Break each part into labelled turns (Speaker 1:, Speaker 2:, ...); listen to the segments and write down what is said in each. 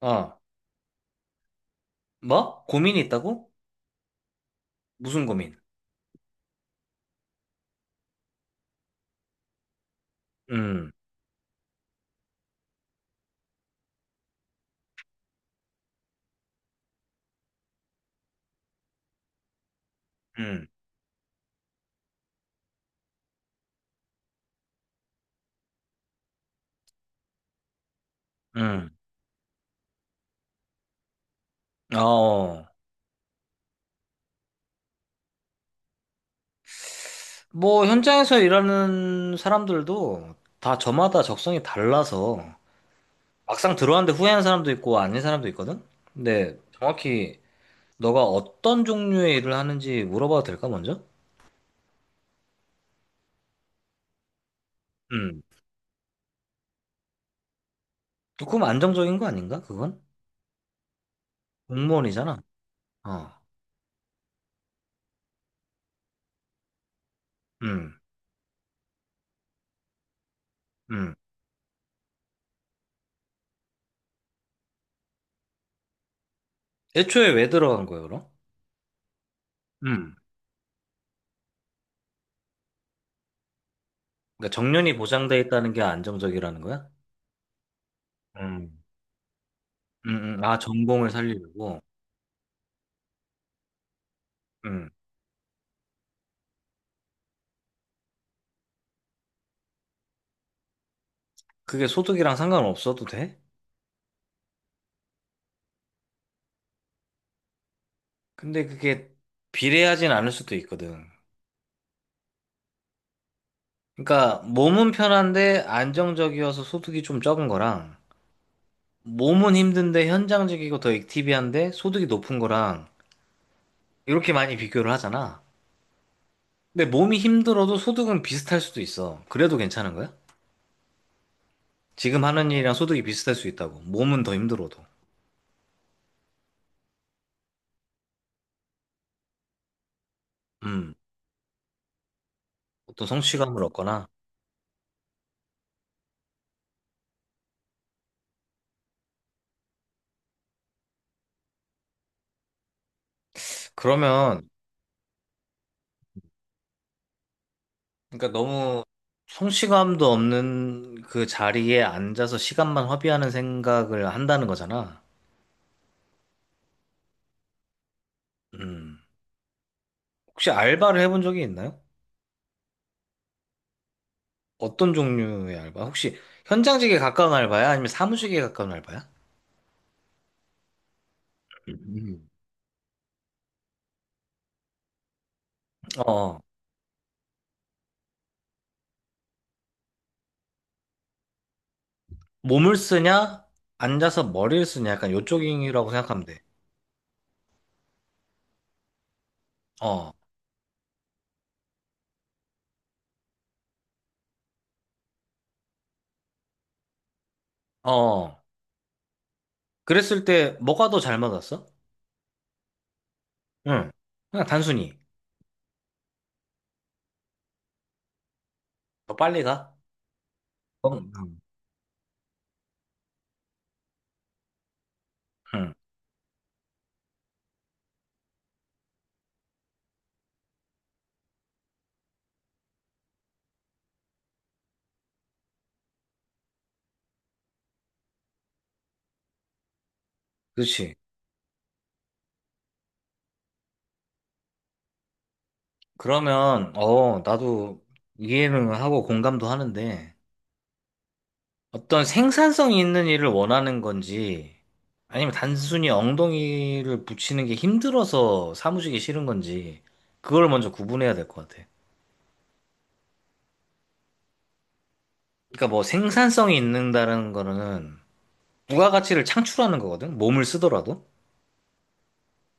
Speaker 1: 어, 뭐? 고민이 있다고? 무슨 고민? 음, 음, 음. 어, 현장에서 일하는 사람들도 다 저마다 적성이 달라서 막상 들어왔는데 후회하는 사람도 있고 아닌 사람도 있거든? 근데 정확히 너가 어떤 종류의 일을 하는지 물어봐도 될까, 먼저? 음. 조금 안정적인 거 아닌가, 그건? 공무원이잖아. 어, 음, 음. 애초에 왜 들어간 거야, 그럼? 음. 그러니까 정년이 보장돼 있다는 게 안정적이라는 거야? 음. 아, 전공을 살리려고. 음. 그게 소득이랑 상관없어도 돼? 근데 그게 비례하진 않을 수도 있거든. 그러니까 몸은 편한데 안정적이어서 소득이 좀 적은 거랑 몸은 힘든데 현장직이고 더 액티비한데 소득이 높은 거랑 이렇게 많이 비교를 하잖아. 근데 몸이 힘들어도 소득은 비슷할 수도 있어. 그래도 괜찮은 거야? 지금 하는 일이랑 소득이 비슷할 수 있다고. 몸은 더 힘들어도. 음. 어떤 성취감을 얻거나. 그러면 그러니까 너무 성취감도 없는 그 자리에 앉아서 시간만 허비하는 생각을 한다는 거잖아. 음. 혹시 알바를 해본 적이 있나요? 어떤 종류의 알바? 혹시 현장직에 가까운 알바야? 아니면 사무직에 가까운 알바야? 음. 어, 몸을 쓰냐? 앉아서 머리를 쓰냐? 약간 요쪽이라고 생각하면 돼. 어, 어. 그랬을 때 뭐가 더 잘 맞았어? 응. 그냥 단순히. 더 빨리 가? 어, 응. 응. 그렇지. 그러면, 어, 나도 이해는 하고 공감도 하는데, 어떤 생산성이 있는 일을 원하는 건지, 아니면 단순히 엉덩이를 붙이는 게 힘들어서 사무직이 싫은 건지, 그걸 먼저 구분해야 될 것 같아. 그러니까 뭐 생산성이 있는다는 거는 부가가치를 창출하는 거거든? 몸을 쓰더라도?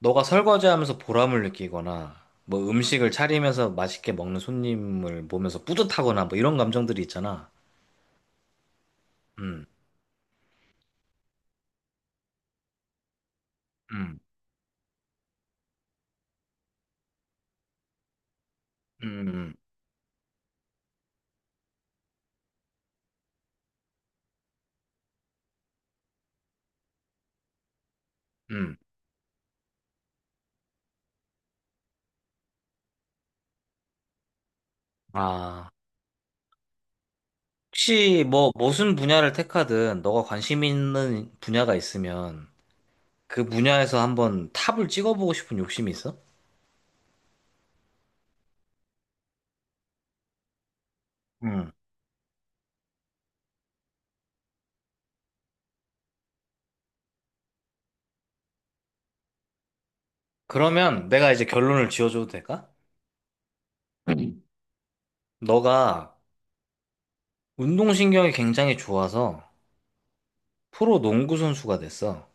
Speaker 1: 너가 설거지하면서 보람을 느끼거나, 뭐 음식을 차리면서 맛있게 먹는 손님을 보면서 뿌듯하거나, 뭐 이런 감정들이 있잖아. 음, 음, 음. 음. 아, 혹시 뭐 무슨 분야를 택하든 너가 관심 있는 분야가 있으면 그 분야에서 한번 탑을 찍어보고 싶은 욕심이 있어? 음. 그러면 내가 이제 결론을 지어줘도 될까? 음. 너가 운동신경이 굉장히 좋아서 프로 농구 선수가 됐어.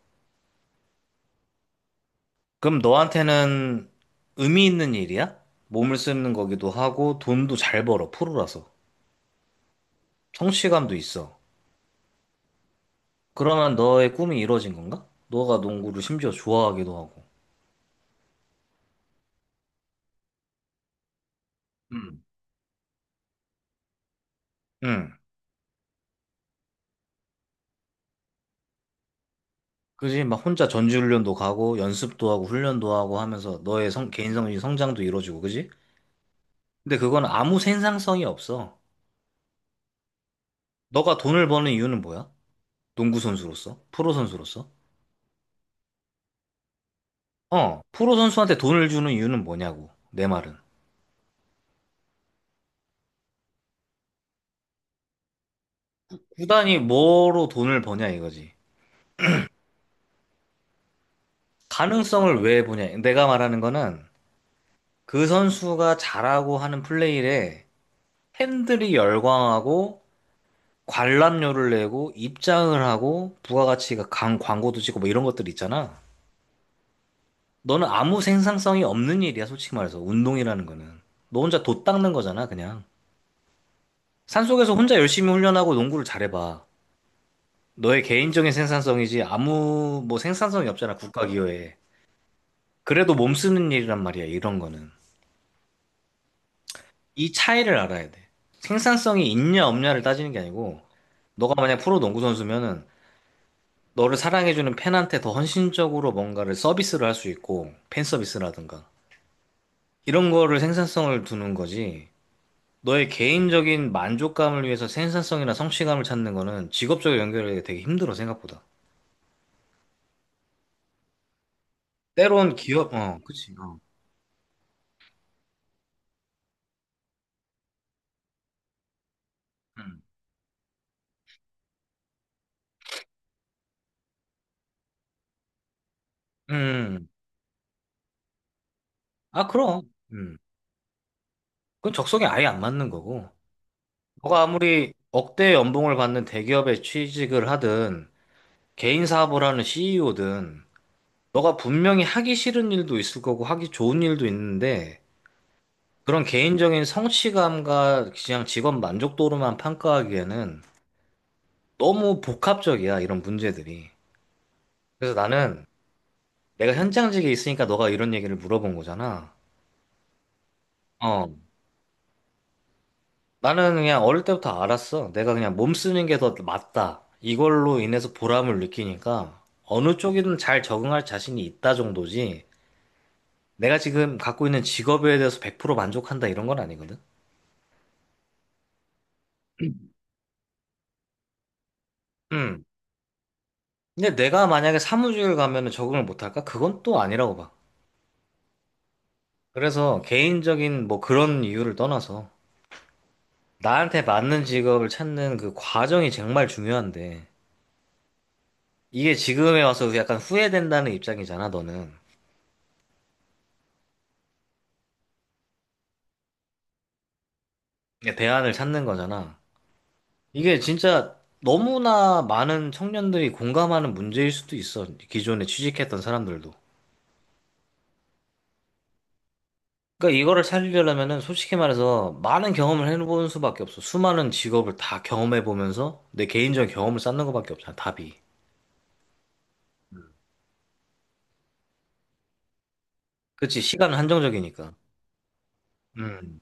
Speaker 1: 그럼 너한테는 의미 있는 일이야? 몸을 쓰는 거기도 하고 돈도 잘 벌어, 프로라서. 성취감도 있어. 그러면 너의 꿈이 이루어진 건가? 너가 농구를 심지어 좋아하기도 하고. 음. 응. 그지? 막 혼자 전지훈련도 가고 연습도 하고 훈련도 하고 하면서 너의 성, 개인적인 성장도 이루어지고 그지? 근데 그건 아무 생산성이 없어. 너가 돈을 버는 이유는 뭐야? 농구 선수로서? 프로 선수로서? 어, 프로 선수한테 돈을 주는 이유는 뭐냐고. 내 말은. 구단이 뭐로 돈을 버냐 이거지. 가능성을 왜 보냐. 내가 말하는 거는 그 선수가 잘하고 하는 플레이에 팬들이 열광하고 관람료를 내고 입장을 하고 부가가치가 강 광고도 찍고 뭐 이런 것들 있잖아. 너는 아무 생산성이 없는 일이야, 솔직히 말해서. 운동이라는 거는. 너 혼자 돛 닦는 거잖아, 그냥. 산속에서 혼자 열심히 훈련하고 농구를 잘해봐. 너의 개인적인 생산성이지 아무 뭐 생산성이 없잖아, 국가 기여에. 그래도 몸 쓰는 일이란 말이야, 이런 거는. 이 차이를 알아야 돼. 생산성이 있냐 없냐를 따지는 게 아니고 너가 만약 프로 농구 선수면은 너를 사랑해주는 팬한테 더 헌신적으로 뭔가를 서비스를 할 수 있고, 팬 서비스라든가. 이런 거를 생산성을 두는 거지. 너의 개인적인 만족감을 위해서 생산성이나 성취감을 찾는 거는 직업적으로 연결이 되게 힘들어, 생각보다. 때론 기업, 어, 그치, 어. 음. 음. 아, 그럼. 음. 그건 적성에 아예 안 맞는 거고. 너가 아무리 억대 연봉을 받는 대기업에 취직을 하든, 개인 사업을 하는 CEO든, 너가 분명히 하기 싫은 일도 있을 거고, 하기 좋은 일도 있는데, 그런 개인적인 성취감과 그냥 직업 만족도로만 평가하기에는 너무 복합적이야, 이런 문제들이. 그래서 나는 내가 현장직에 있으니까 너가 이런 얘기를 물어본 거잖아. 어. 나는 그냥 어릴 때부터 알았어. 내가 그냥 몸 쓰는 게 더 맞다. 이걸로 인해서 보람을 느끼니까 어느 쪽이든 잘 적응할 자신이 있다 정도지. 내가 지금 갖고 있는 직업에 대해서 100% 만족한다 이런 건 아니거든. 음. 근데 내가 만약에 사무직을 가면은 적응을 못할까? 그건 또 아니라고 봐. 그래서 개인적인 뭐 그런 이유를 떠나서 나한테 맞는 직업을 찾는 그 과정이 정말 중요한데 이게 지금에 와서 약간 후회된다는 입장이잖아, 너는. 이게 대안을 찾는 거잖아. 이게 진짜 너무나 많은 청년들이 공감하는 문제일 수도 있어. 기존에 취직했던 사람들도. 그러니까 이거를 살리려면은 솔직히 말해서 많은 경험을 해보는 수밖에 없어. 수많은 직업을 다 경험해 보면서 내 개인적인 경험을 쌓는 것밖에 없잖아, 답이. 그치, 시간은 한정적이니까. 음.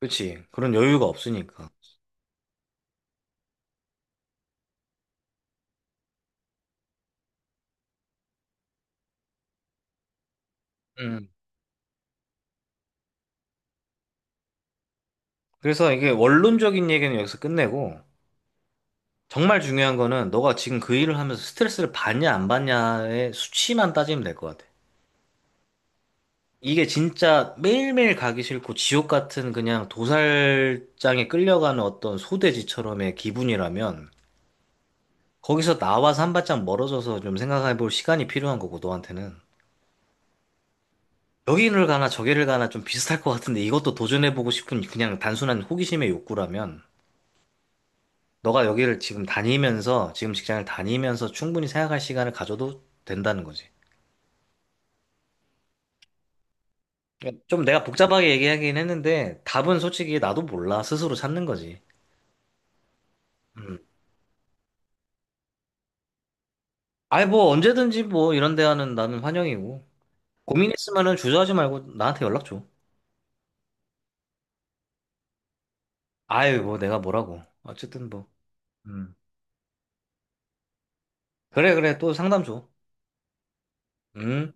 Speaker 1: 그렇지. 그런 여유가 없으니까. 음. 그래서 이게 원론적인 얘기는 여기서 끝내고 정말 중요한 거는 너가 지금 그 일을 하면서 스트레스를 받냐 안 받냐의 수치만 따지면 될 것 같아. 이게 진짜 매일매일 가기 싫고 지옥 같은 그냥 도살장에 끌려가는 어떤 소돼지처럼의 기분이라면 거기서 나와서 한 발짝 멀어져서 좀 생각해 볼 시간이 필요한 거고 너한테는 여기를 가나 저기를 가나 좀 비슷할 것 같은데 이것도 도전해 보고 싶은 그냥 단순한 호기심의 욕구라면 너가 여기를 지금 다니면서, 지금 직장을 다니면서 충분히 생각할 시간을 가져도 된다는 거지. 그러니까 좀 내가 복잡하게 얘기하긴 했는데, 답은 솔직히 나도 몰라. 스스로 찾는 거지. 음. 아니, 뭐, 언제든지 뭐, 이런 대화는 나는 환영이고. 고민 있으면은 주저하지 말고 나한테 연락 줘. 아유, 뭐, 내가 뭐라고. 어쨌든 뭐. 음. 그래, 그래. 또 상담 줘. 음.